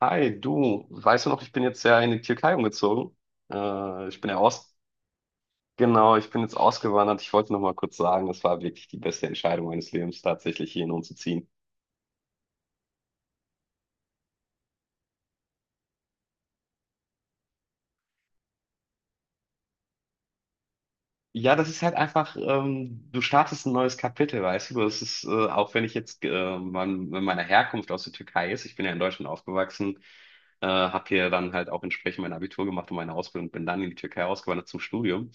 Hi, du, weißt du noch, ich bin jetzt ja in die Türkei umgezogen. Ich bin ja aus, genau, ich bin jetzt ausgewandert. Ich wollte noch mal kurz sagen, das war wirklich die beste Entscheidung meines Lebens, tatsächlich hierhin umzuziehen. Ja, das ist halt einfach, du startest ein neues Kapitel, weißt du? Das ist, auch wenn ich jetzt, meiner Herkunft aus der Türkei ist, ich bin ja in Deutschland aufgewachsen, habe hier dann halt auch entsprechend mein Abitur gemacht und meine Ausbildung, bin dann in die Türkei ausgewandert zum Studium.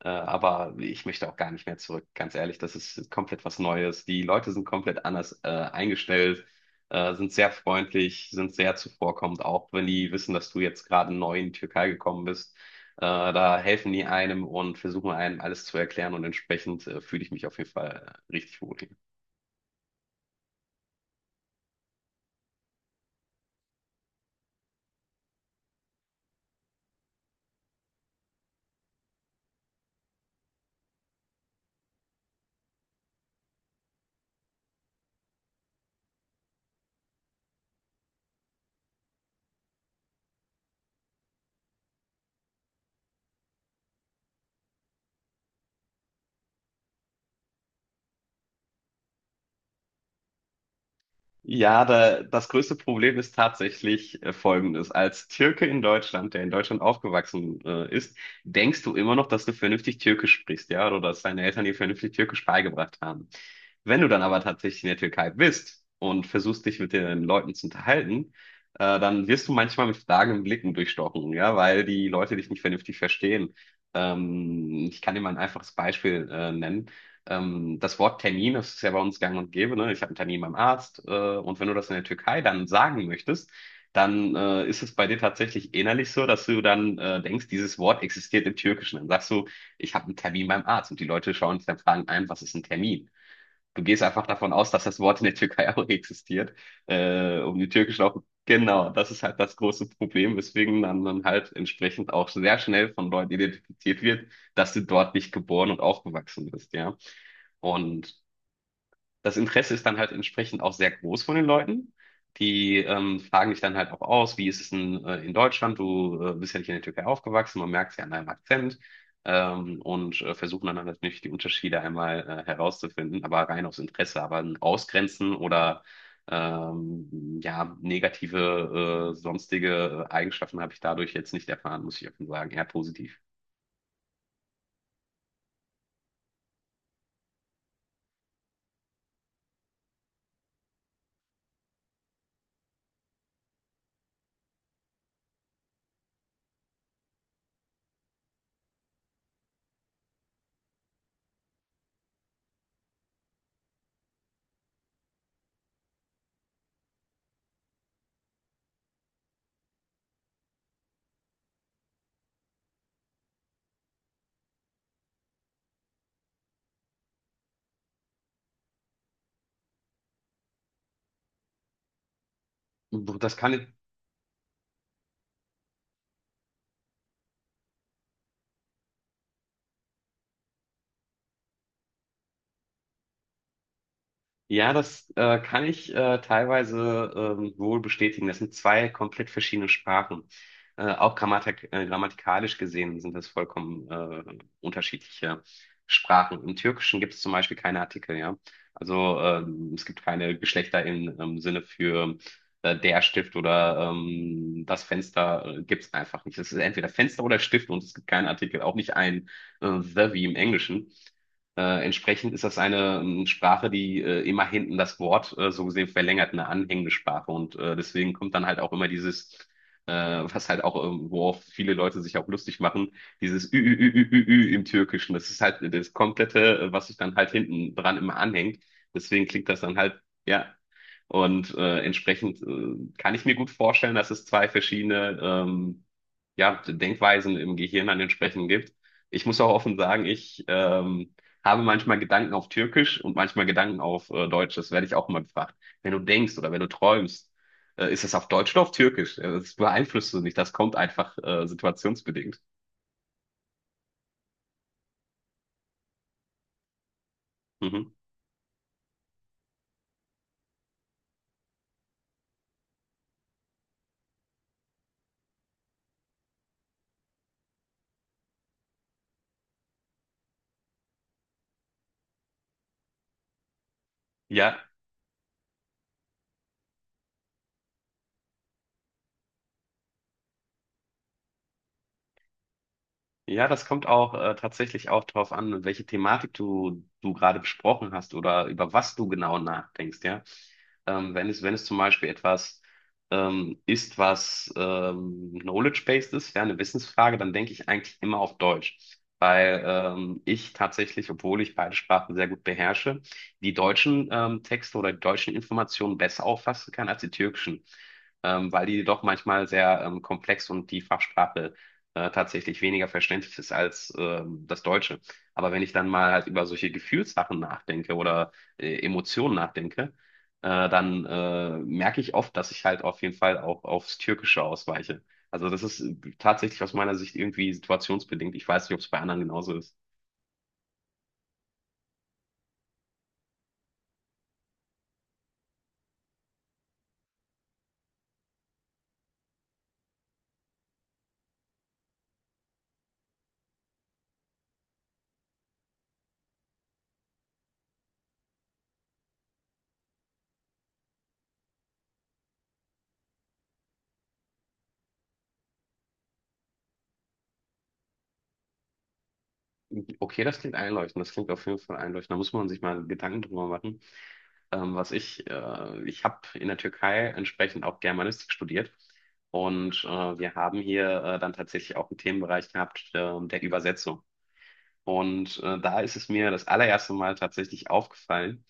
Aber ich möchte auch gar nicht mehr zurück, ganz ehrlich, das ist komplett was Neues. Die Leute sind komplett anders, eingestellt, sind sehr freundlich, sind sehr zuvorkommend, auch wenn die wissen, dass du jetzt gerade neu in die Türkei gekommen bist. Äh, Da helfen die einem und versuchen einem alles zu erklären und entsprechend fühle ich mich auf jeden Fall richtig wohl. Das größte Problem ist tatsächlich folgendes. Als Türke in Deutschland, der in Deutschland aufgewachsen ist, denkst du immer noch, dass du vernünftig Türkisch sprichst, ja, oder dass deine Eltern dir vernünftig Türkisch beigebracht haben. Wenn du dann aber tatsächlich in der Türkei bist und versuchst, dich mit den Leuten zu unterhalten, dann wirst du manchmal mit fragenden Blicken durchstochen, ja, weil die Leute dich nicht vernünftig verstehen. Ich kann dir mal ein einfaches Beispiel nennen. Das Wort Termin, das ist ja bei uns gang und gäbe, ne? Ich habe einen Termin beim Arzt, und wenn du das in der Türkei dann sagen möchtest, dann ist es bei dir tatsächlich innerlich so, dass du dann denkst, dieses Wort existiert im Türkischen. Dann sagst du, ich habe einen Termin beim Arzt und die Leute schauen dich dann fragen ein, was ist ein Termin? Du gehst einfach davon aus, dass das Wort in der Türkei auch existiert, um die türkischen auch. Genau, das ist halt das große Problem, weswegen man dann halt entsprechend auch sehr schnell von Leuten identifiziert wird, dass du dort nicht geboren und aufgewachsen bist, ja. Und das Interesse ist dann halt entsprechend auch sehr groß von den Leuten. Die fragen dich dann halt auch aus, wie ist es denn in Deutschland? Du bist ja nicht in der Türkei aufgewachsen, man merkt es ja an deinem Akzent. Versuchen dann natürlich die Unterschiede einmal herauszufinden, aber rein aus Interesse, aber ein Ausgrenzen oder ja, negative sonstige Eigenschaften habe ich dadurch jetzt nicht erfahren, muss ich offen sagen. Eher positiv. Das kann Ja, das kann ich teilweise wohl bestätigen. Das sind zwei komplett verschiedene Sprachen. Auch grammatikalisch gesehen sind das vollkommen unterschiedliche Sprachen. Im Türkischen gibt es zum Beispiel keine Artikel, ja. Also es gibt keine Geschlechter im, Sinne für der Stift oder das Fenster gibt es einfach nicht. Es ist entweder Fenster oder Stift und es gibt keinen Artikel, auch nicht ein the wie im Englischen. Entsprechend ist das eine Sprache, die immer hinten das Wort so gesehen verlängert, eine anhängende Sprache. Und deswegen kommt dann halt auch immer dieses, was halt auch, worauf viele Leute sich auch lustig machen, dieses Ü, Ü, Ü, Ü, Ü, Ü im Türkischen. Das ist halt das komplette, was sich dann halt hinten dran immer anhängt. Deswegen klingt das dann halt, ja. Und entsprechend kann ich mir gut vorstellen, dass es zwei verschiedene ja, Denkweisen im Gehirn dann entsprechend gibt. Ich muss auch offen sagen, ich habe manchmal Gedanken auf Türkisch und manchmal Gedanken auf Deutsch. Das werde ich auch mal gefragt. Wenn du denkst oder wenn du träumst, ist es auf Deutsch oder auf Türkisch? Das beeinflusst du nicht. Das kommt einfach situationsbedingt. Mhm. Ja, ja, das kommt auch tatsächlich auch darauf an, welche Thematik du gerade besprochen hast oder über was du genau nachdenkst, ja. Wenn es zum Beispiel etwas ist, was knowledge-based ist, ja, eine Wissensfrage, dann denke ich eigentlich immer auf Deutsch. Weil ich tatsächlich, obwohl ich beide Sprachen sehr gut beherrsche, die deutschen Texte oder die deutschen Informationen besser auffassen kann als die türkischen. Weil die doch manchmal sehr komplex und die Fachsprache tatsächlich weniger verständlich ist als das Deutsche. Aber wenn ich dann mal halt über solche Gefühlssachen nachdenke oder Emotionen nachdenke, dann merke ich oft, dass ich halt auf jeden Fall auch aufs Türkische ausweiche. Also das ist tatsächlich aus meiner Sicht irgendwie situationsbedingt. Ich weiß nicht, ob es bei anderen genauso ist. Okay, das klingt einleuchtend. Das klingt auf jeden Fall einleuchtend. Da muss man sich mal Gedanken drüber machen. Ich habe in der Türkei entsprechend auch Germanistik studiert. Und wir haben hier dann tatsächlich auch einen Themenbereich gehabt, der Übersetzung. Und da ist es mir das allererste Mal tatsächlich aufgefallen,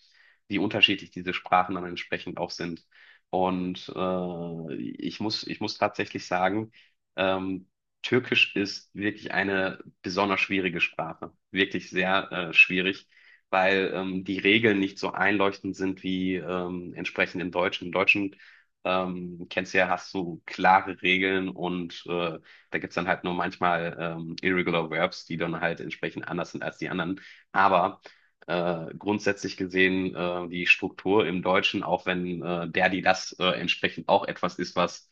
wie unterschiedlich diese Sprachen dann entsprechend auch sind. Und ich muss tatsächlich sagen, ähm, Türkisch ist wirklich eine besonders schwierige Sprache. Wirklich sehr schwierig, weil die Regeln nicht so einleuchtend sind wie entsprechend im Deutschen. Im Deutschen kennst du ja, hast du klare Regeln und da gibt's dann halt nur manchmal Irregular Verbs, die dann halt entsprechend anders sind als die anderen. Aber grundsätzlich gesehen die Struktur im Deutschen, auch wenn der, die, das entsprechend auch etwas ist, was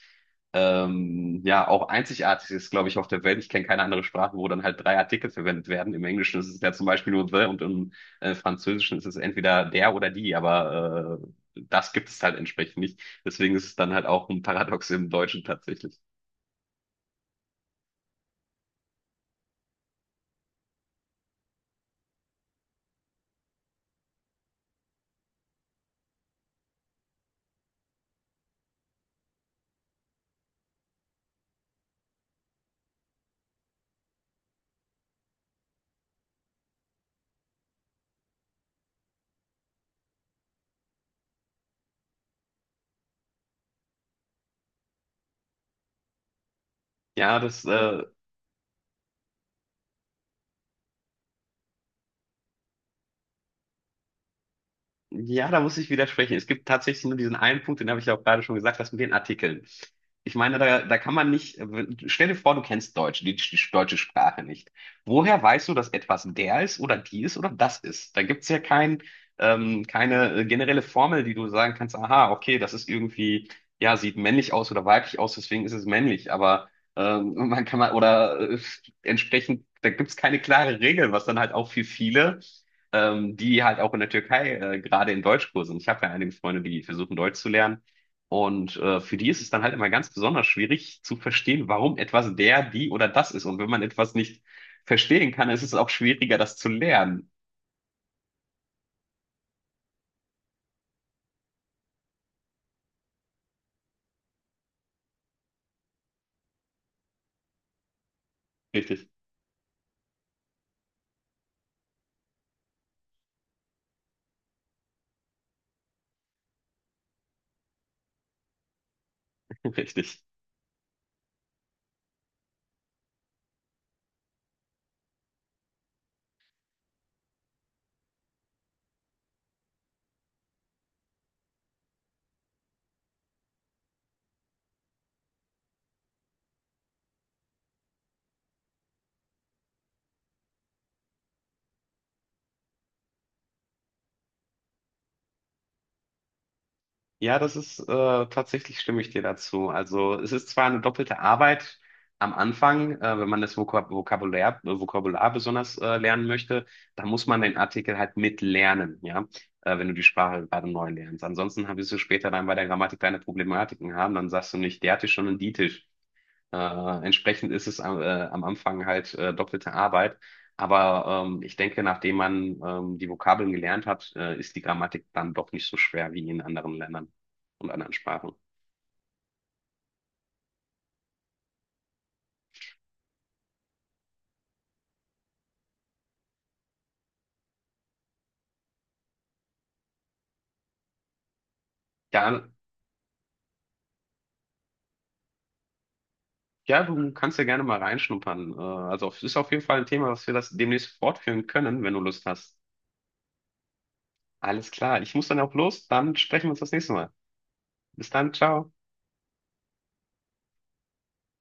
ja auch einzigartig ist, glaube ich, auf der Welt. Ich kenne keine andere Sprache, wo dann halt drei Artikel verwendet werden. Im Englischen ist es ja zum Beispiel nur the und im Französischen ist es entweder der oder die, aber das gibt es halt entsprechend nicht. Deswegen ist es dann halt auch ein Paradox im Deutschen tatsächlich. Ja, das äh, Ja, da muss ich widersprechen. Es gibt tatsächlich nur diesen einen Punkt, den habe ich ja auch gerade schon gesagt, das mit den Artikeln. Ich meine, da kann man nicht, stell dir vor, du kennst Deutsch, die deutsche Sprache nicht. Woher weißt du, dass etwas der ist oder die ist oder das ist? Da gibt's ja kein, keine generelle Formel, die du sagen kannst, aha, okay, das ist irgendwie, ja, sieht männlich aus oder weiblich aus, deswegen ist es männlich. Aber man kann mal, oder entsprechend, da gibt's keine klare Regel, was dann halt auch für viele die halt auch in der Türkei gerade in Deutschkursen. Ich habe ja einige Freunde, die versuchen Deutsch zu lernen. Und für die ist es dann halt immer ganz besonders schwierig zu verstehen, warum etwas der, die oder das ist. Und wenn man etwas nicht verstehen kann, ist es auch schwieriger, das zu lernen. Richtig, richtig. Ja, das ist tatsächlich stimme ich dir dazu. Also es ist zwar eine doppelte Arbeit am Anfang, wenn man das Vokabular besonders lernen möchte, dann muss man den Artikel halt mitlernen, ja, wenn du die Sprache gerade neu lernst. Ansonsten wirst du später dann bei der Grammatik deine Problematiken haben, dann sagst du nicht der Tisch, sondern die Tisch. Entsprechend ist es am Anfang halt doppelte Arbeit. Aber ich denke, nachdem man die Vokabeln gelernt hat, ist die Grammatik dann doch nicht so schwer wie in anderen Ländern und anderen Sprachen. Ja, ja, du kannst ja gerne mal reinschnuppern. Also es ist auf jeden Fall ein Thema, was wir das demnächst fortführen können, wenn du Lust hast. Alles klar. Ich muss dann auch los. Dann sprechen wir uns das nächste Mal. Bis dann. Ciao.